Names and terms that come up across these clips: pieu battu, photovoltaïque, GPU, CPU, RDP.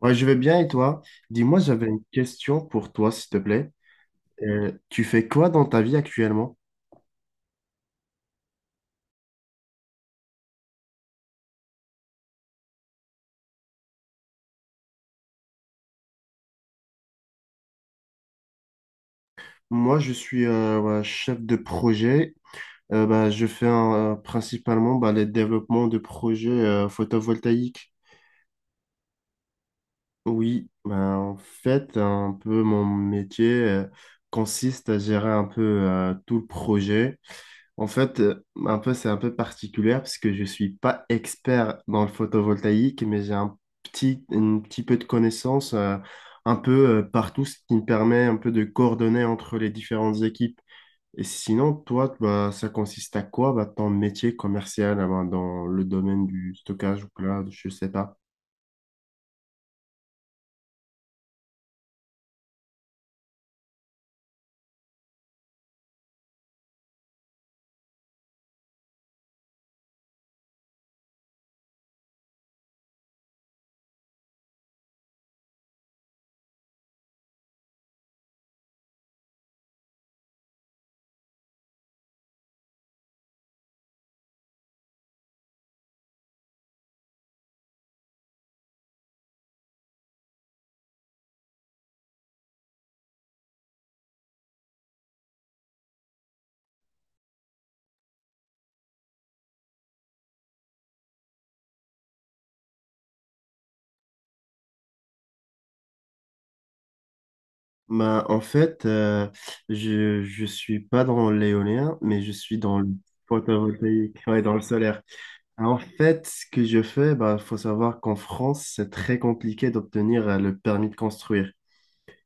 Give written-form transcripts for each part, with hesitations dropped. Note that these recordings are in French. Ouais, je vais bien et toi? Dis-moi, j'avais une question pour toi, s'il te plaît. Tu fais quoi dans ta vie actuellement? Moi, je suis ouais, chef de projet. Bah, je fais principalement bah, les développements de projets photovoltaïques. Oui, bah, en fait, un peu mon métier consiste à gérer un peu tout le projet. En fait, un peu, c'est un peu particulier parce que je suis pas expert dans le photovoltaïque, mais j'ai un petit peu de connaissances un peu partout, ce qui me permet un peu de coordonner entre les différentes équipes. Et sinon, toi, bah, ça consiste à quoi, bah, ton métier commercial ah ben, dans le domaine du stockage ou cloud, je sais pas. Bah, en fait, je suis pas dans l'éolien, mais je suis dans le photovoltaïque, ouais, dans le solaire. En fait, ce que je fais, bah, faut savoir qu'en France, c'est très compliqué d'obtenir le permis de construire,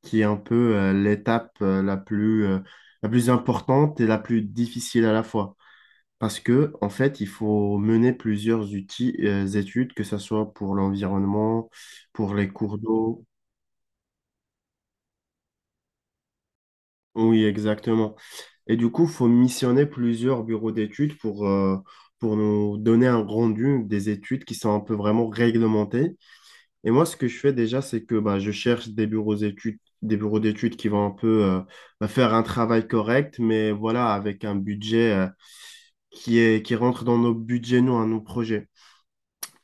qui est un peu l'étape la plus importante et la plus difficile à la fois. Parce que, en fait, il faut mener plusieurs outils, études, que ce soit pour l'environnement, pour les cours d'eau. Oui, exactement. Et du coup, il faut missionner plusieurs bureaux d'études pour nous donner un rendu des études qui sont un peu vraiment réglementées. Et moi, ce que je fais déjà, c'est que bah, je cherche des bureaux d'études qui vont un peu bah, faire un travail correct, mais voilà, avec un budget qui rentre dans nos budgets, nous, à nos projets.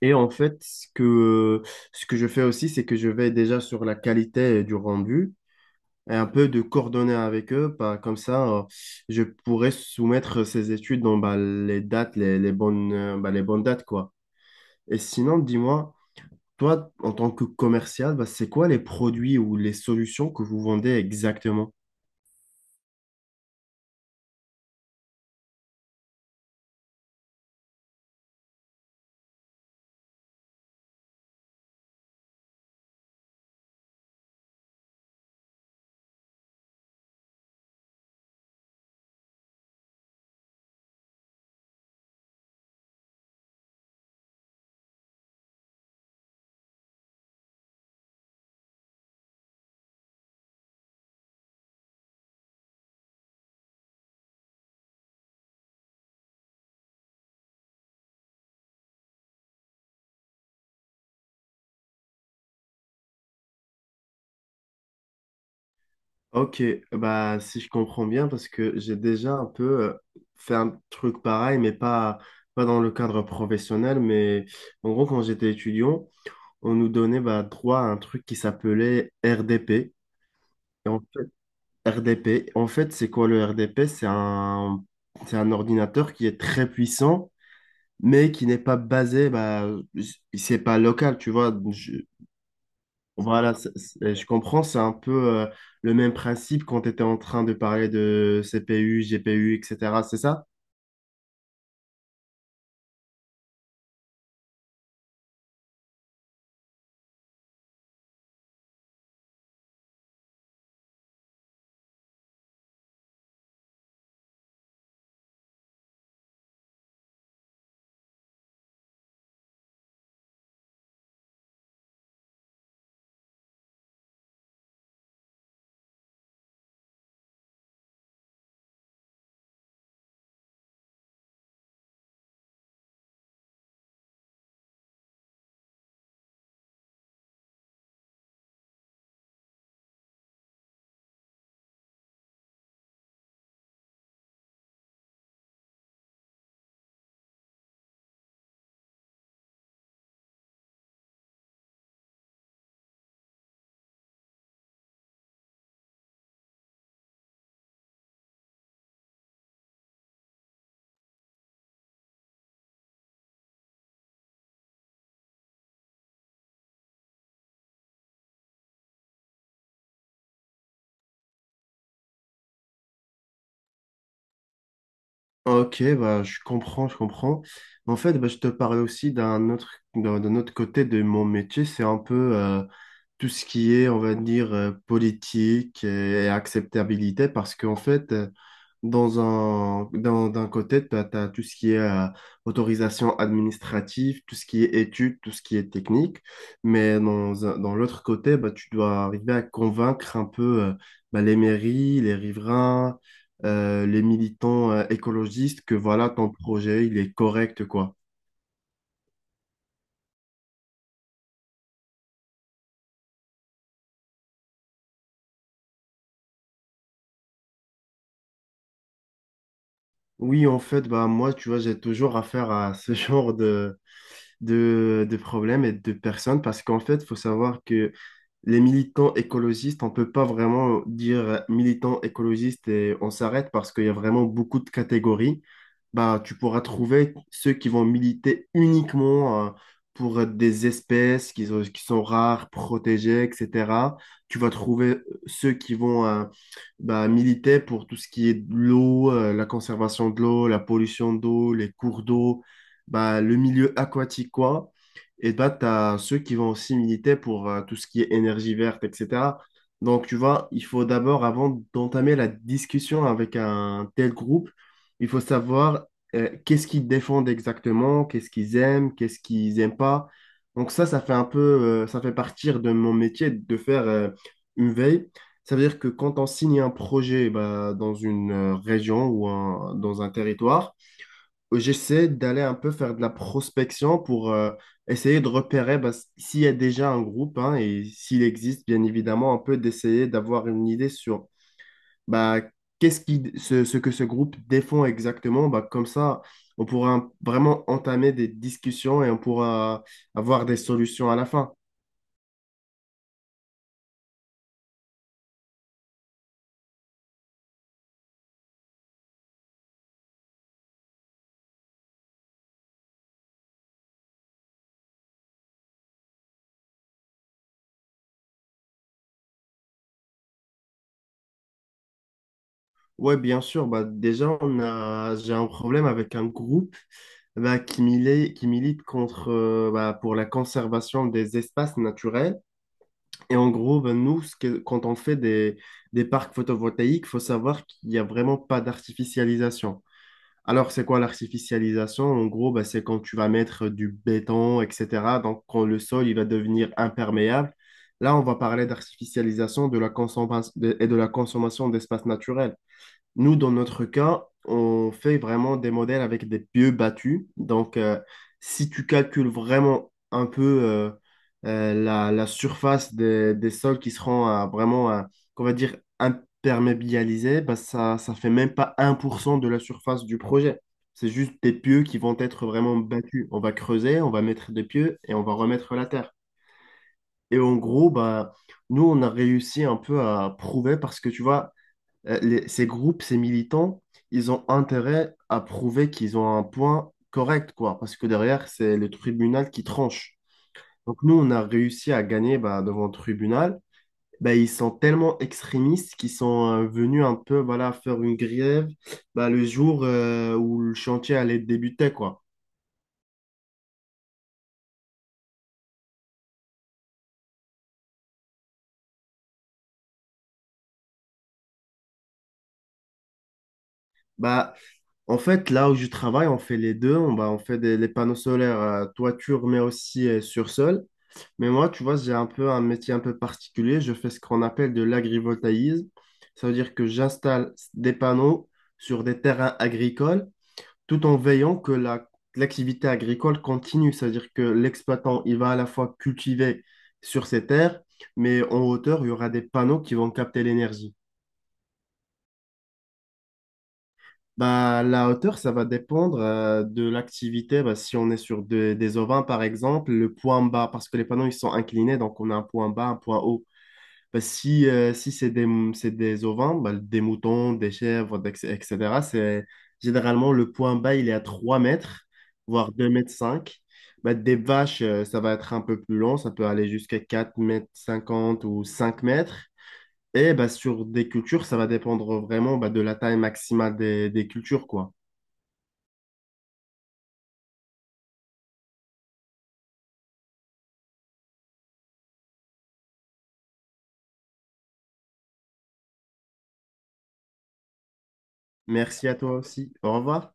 Et en fait, ce que je fais aussi, c'est que je vais déjà sur la qualité du rendu et un peu de coordonner avec eux. Pas comme ça, je pourrais soumettre ces études dans bah, les dates, les bonnes, les bonnes dates, quoi. Et sinon, dis-moi, toi, en tant que commercial, bah, c'est quoi les produits ou les solutions que vous vendez exactement? Ok, bah si je comprends bien, parce que j'ai déjà un peu fait un truc pareil, pas dans le cadre professionnel, mais en gros, quand j'étais étudiant, on nous donnait bah, droit à un truc qui s'appelait RDP. Et en fait, RDP, en fait, c'est quoi le RDP? C'est un ordinateur qui est très puissant, mais qui n'est pas basé, bah, c'est pas local, tu vois. Voilà, je comprends, c'est un peu le même principe quand tu étais en train de parler de CPU, GPU, etc. C'est ça? Ok, bah, je comprends, je comprends. En fait, bah, je te parlais aussi d'un autre côté de mon métier. C'est un peu tout ce qui est, on va dire, politique et acceptabilité. Parce qu'en fait, dans d'un côté, tu as tout ce qui est autorisation administrative, tout ce qui est études, tout ce qui est technique. Mais dans l'autre côté, bah, tu dois arriver à convaincre un peu bah, les mairies, les riverains, les militants écologistes que voilà, ton projet, il est correct, quoi. Oui, en fait, bah, moi, tu vois, j'ai toujours affaire à ce genre de problèmes et de personnes parce qu'en fait, il faut savoir que les militants écologistes, on ne peut pas vraiment dire militants écologistes et on s'arrête parce qu'il y a vraiment beaucoup de catégories. Bah, tu pourras trouver ceux qui vont militer uniquement pour des espèces qui sont rares, protégées, etc. Tu vas trouver ceux qui vont bah, militait pour tout ce qui est de l'eau, la conservation de l'eau, la pollution d'eau, les cours d'eau, bah, le milieu aquatique, quoi. Et bah, tu as ceux qui vont aussi militer pour tout ce qui est énergie verte, etc. Donc, tu vois, il faut d'abord, avant d'entamer la discussion avec un tel groupe, il faut savoir qu'est-ce qu'ils défendent exactement, qu'est-ce qu'ils aiment, qu'est-ce qu'ils n'aiment pas. Donc ça, ça fait partir de mon métier de faire une veille, ça veut dire que quand on signe un projet bah, dans une région ou dans un territoire, j'essaie d'aller un peu faire de la prospection pour essayer de repérer bah, s'il y a déjà un groupe hein, et s'il existe, bien évidemment, un peu d'essayer d'avoir une idée sur bah, ce que ce groupe défend exactement. Bah, comme ça, on pourra vraiment entamer des discussions et on pourra avoir des solutions à la fin. Ouais, bien sûr. Bah, déjà, j'ai un problème avec un groupe bah, qui milite contre, bah, pour la conservation des espaces naturels. Et en gros, bah, nous, quand on fait des parcs photovoltaïques, faut savoir qu'il n'y a vraiment pas d'artificialisation. Alors, c'est quoi l'artificialisation? En gros, bah, c'est quand tu vas mettre du béton, etc. Donc, quand le sol il va devenir imperméable. Là, on va parler d'artificialisation de la consommation et de la consommation d'espaces naturels. Nous, dans notre cas, on fait vraiment des modèles avec des pieux battus. Donc, si tu calcules vraiment un peu la surface des sols qui seront qu'on va dire, imperméabilisés, bah, ça ne fait même pas 1% de la surface du projet. C'est juste des pieux qui vont être vraiment battus. On va creuser, on va mettre des pieux et on va remettre la terre. Et en gros, bah, nous, on a réussi un peu à prouver parce que tu vois, ces groupes, ces militants, ils ont intérêt à prouver qu'ils ont un point correct, quoi, parce que derrière, c'est le tribunal qui tranche. Donc nous, on a réussi à gagner bah, devant le tribunal. Bah, ils sont tellement extrémistes qu'ils sont venus un peu voilà, faire une grève bah, le jour où le chantier allait débuter, quoi. Bah, en fait, là où je travaille, on fait les deux. On, bah, on fait les panneaux solaires toiture, mais aussi sur sol. Mais moi, tu vois, j'ai un peu un métier un peu particulier. Je fais ce qu'on appelle de l'agrivoltaïsme. Ça veut dire que j'installe des panneaux sur des terrains agricoles tout en veillant que l'activité agricole continue. Ça veut dire que l'exploitant, il va à la fois cultiver sur ses terres, mais en hauteur, il y aura des panneaux qui vont capter l'énergie. Bah, la hauteur, ça va dépendre de l'activité. Bah, si on est sur des ovins, par exemple, le point bas, parce que les panneaux, ils sont inclinés, donc on a un point bas, un point haut. Parce que si c'est des ovins, bah, des moutons, des chèvres, etc., c'est généralement le point bas, il est à 3 mètres, voire 2 mètres 5. Bah, des vaches, ça va être un peu plus long, ça peut aller jusqu'à 4 mètres 50 ou 5 mètres. Et bah, sur des cultures, ça va dépendre vraiment bah, de la taille maximale des cultures, quoi. Merci à toi aussi. Au revoir.